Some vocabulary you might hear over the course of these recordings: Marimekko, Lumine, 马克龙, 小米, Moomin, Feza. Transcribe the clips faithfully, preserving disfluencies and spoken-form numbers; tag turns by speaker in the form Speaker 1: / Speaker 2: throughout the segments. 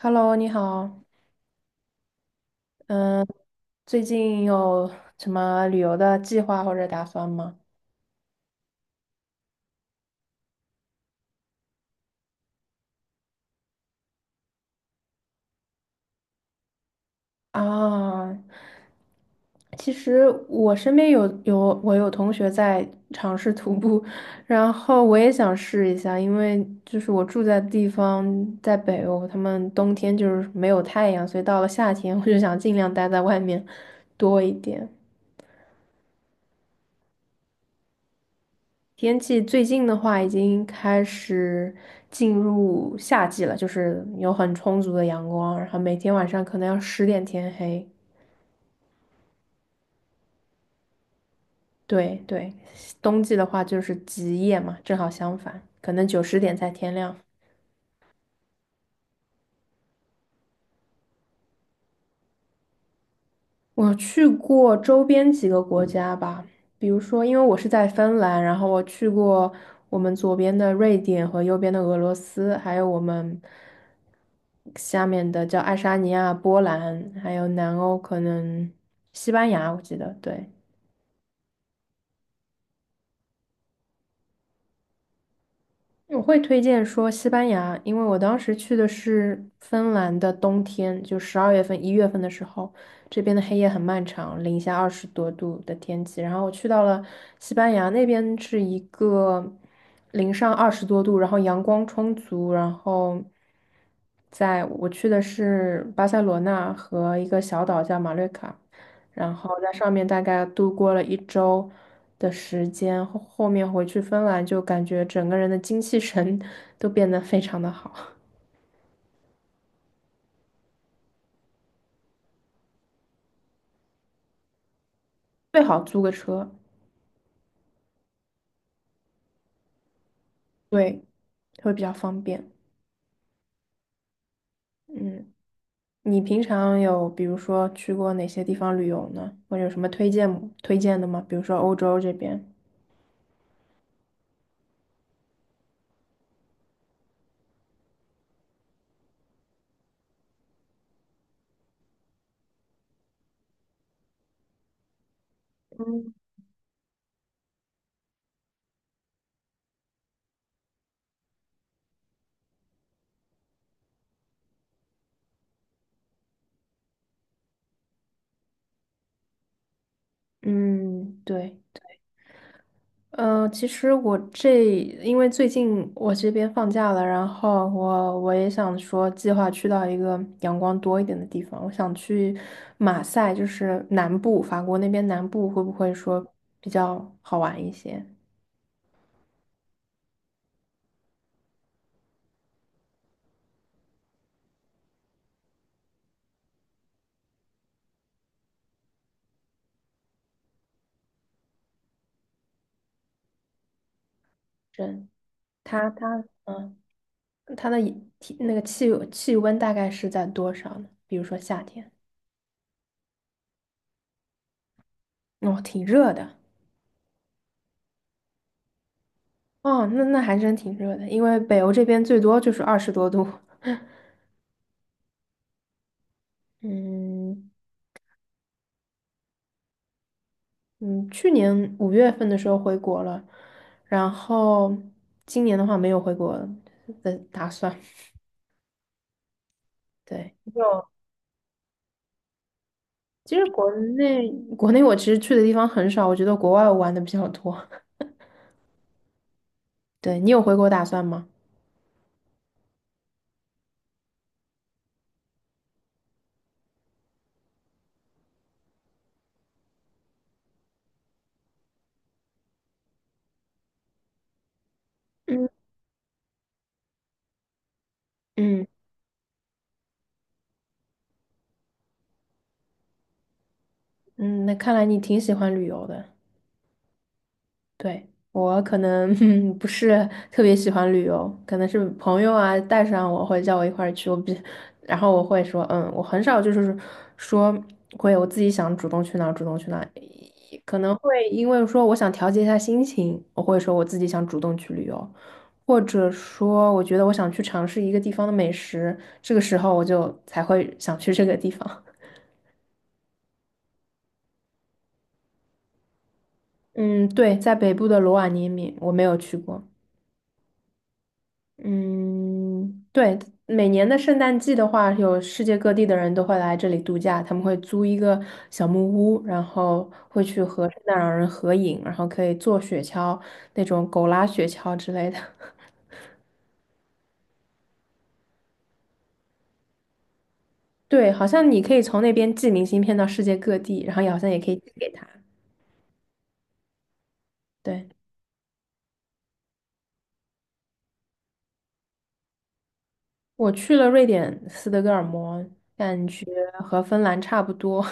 Speaker 1: Hello，你好，嗯，最近有什么旅游的计划或者打算吗？啊，其实我身边有有我有同学在尝试徒步，然后我也想试一下，因为就是我住在的地方在北欧，他们冬天就是没有太阳，所以到了夏天我就想尽量待在外面多一点。天气最近的话，已经开始进入夏季了，就是有很充足的阳光，然后每天晚上可能要十点天黑。对对，冬季的话就是极夜嘛，正好相反，可能九十点才天亮。我去过周边几个国家吧，比如说，因为我是在芬兰，然后我去过我们左边的瑞典和右边的俄罗斯，还有我们下面的叫爱沙尼亚、波兰，还有南欧可能西班牙，我记得，对。我会推荐说西班牙，因为我当时去的是芬兰的冬天，就十二月份、一月份的时候，这边的黑夜很漫长，零下二十多度的天气。然后我去到了西班牙那边，是一个零上二十多度，然后阳光充足，然后在我去的是巴塞罗那和一个小岛叫马略卡。然后在上面大概度过了一周的时间，后后面回去芬兰就感觉整个人的精气神 都变得非常的好，最好租个车，对，会比较方便。嗯，你平常有比如说去过哪些地方旅游呢？或者有什么推荐推荐的吗？比如说欧洲这边。嗯嗯，对。嗯，其实我这因为最近我这边放假了，然后我我也想说计划去到一个阳光多一点的地方，我想去马赛，就是南部，法国那边南部会不会说比较好玩一些？对，它它嗯，它的体那个气气温大概是在多少呢？比如说夏天，哦，挺热的，哦，那那还真挺热的，因为北欧这边最多就是二十多度，嗯。嗯，去年五月份的时候回国了，然后今年的话没有回国的打算。对，就其实国内国内我其实去的地方很少，我觉得国外我玩的比较多。对，你有回国打算吗？嗯嗯嗯，那看来你挺喜欢旅游的。对，我可能 不是特别喜欢旅游，可能是朋友啊带上我会叫我一块儿去，我比，然后我会说嗯，我很少就是说会我自己想主动去哪儿主动去哪儿，可能会因为说我想调节一下心情，我会说我自己想主动去旅游，或者说我觉得我想去尝试一个地方的美食，这个时候我就才会想去这个地方。嗯，对，在北部的罗瓦涅米我没有去过。嗯，对，每年的圣诞季的话，有世界各地的人都会来这里度假，他们会租一个小木屋，然后会去和圣诞老人合影，然后可以坐雪橇，那种狗拉雪橇之类的。对，好像你可以从那边寄明信片到世界各地，然后也好像也可以寄给他。对，我去了瑞典斯德哥尔摩，感觉和芬兰差不多，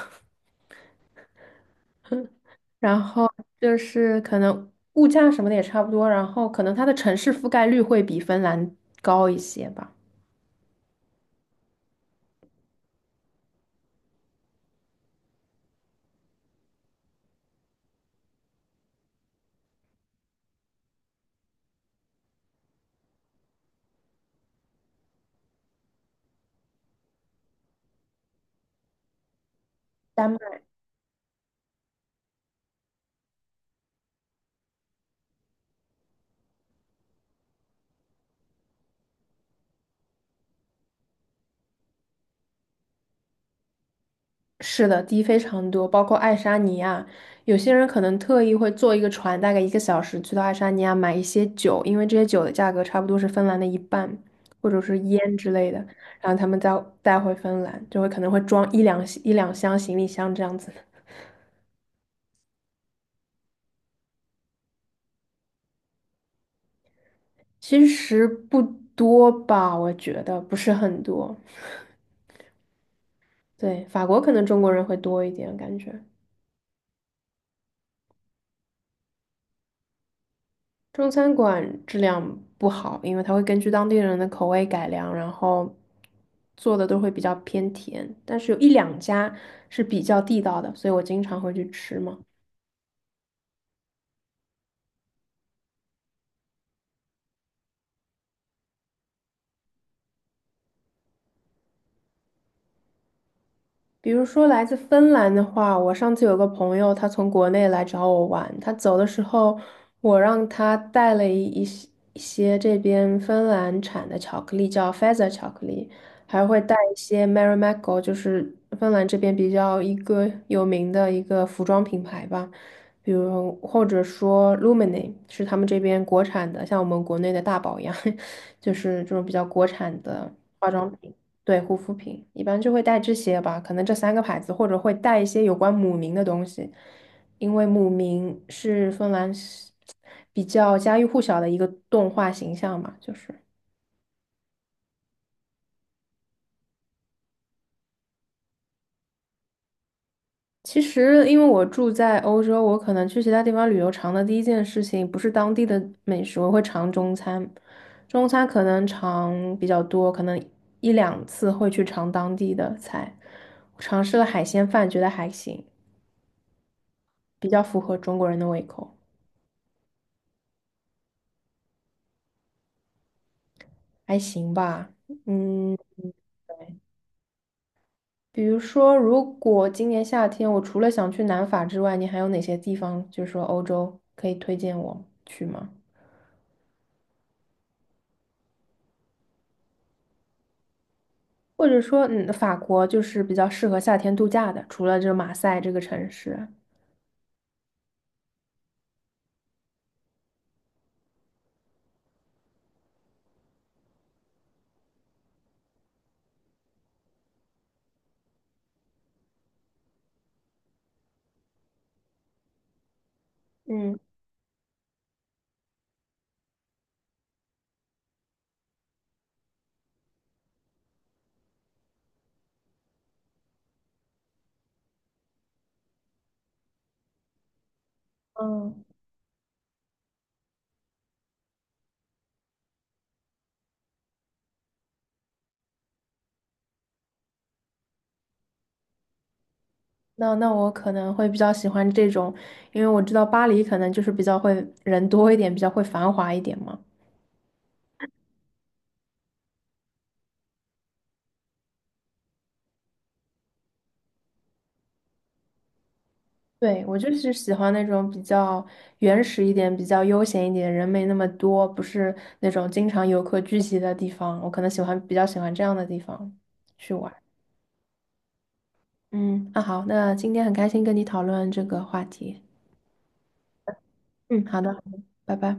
Speaker 1: 然后就是可能物价什么的也差不多，然后可能它的城市覆盖率会比芬兰高一些吧。是的，低非常多，包括爱沙尼亚，有些人可能特意会坐一个船，大概一个小时去到爱沙尼亚买一些酒，因为这些酒的价格差不多是芬兰的一半，或者是烟之类的，然后他们再带回芬兰，就会可能会装一两一两箱行李箱这样子。其实不多吧，我觉得不是很多。对，法国可能中国人会多一点，感觉。中餐馆质量不好，因为它会根据当地人的口味改良，然后做的都会比较偏甜，但是有一两家是比较地道的，所以我经常会去吃嘛。比如说来自芬兰的话，我上次有个朋友，他从国内来找我玩，他走的时候，我让他带了一一些一些这边芬兰产的巧克力，叫 Feza 巧克力，还会带一些 Marimekko，就是芬兰这边比较一个有名的一个服装品牌吧，比如或者说 Lumine 是他们这边国产的，像我们国内的大宝一样，就是这种比较国产的化妆品。对，护肤品一般就会带这些吧，可能这三个牌子，或者会带一些有关姆明的东西，因为姆明是芬兰是比较家喻户晓的一个动画形象嘛，就是。其实，因为我住在欧洲，我可能去其他地方旅游，尝的第一件事情不是当地的美食，我会尝中餐。中餐可能尝比较多，可能一两次会去尝当地的菜。我尝试了海鲜饭，觉得还行，比较符合中国人的胃口。还行吧，嗯，对。比如说，如果今年夏天我除了想去南法之外，你还有哪些地方，就是说欧洲可以推荐我去吗？或者说，嗯，法国就是比较适合夏天度假的，除了这马赛这个城市。嗯嗯，那那我可能会比较喜欢这种，因为我知道巴黎可能就是比较会人多一点，比较会繁华一点嘛。对，我就是喜欢那种比较原始一点、比较悠闲一点、人没那么多，不是那种经常游客聚集的地方。我可能喜欢比较喜欢这样的地方去玩。嗯，那好，那今天很开心跟你讨论这个话题。嗯，好的，好的拜拜。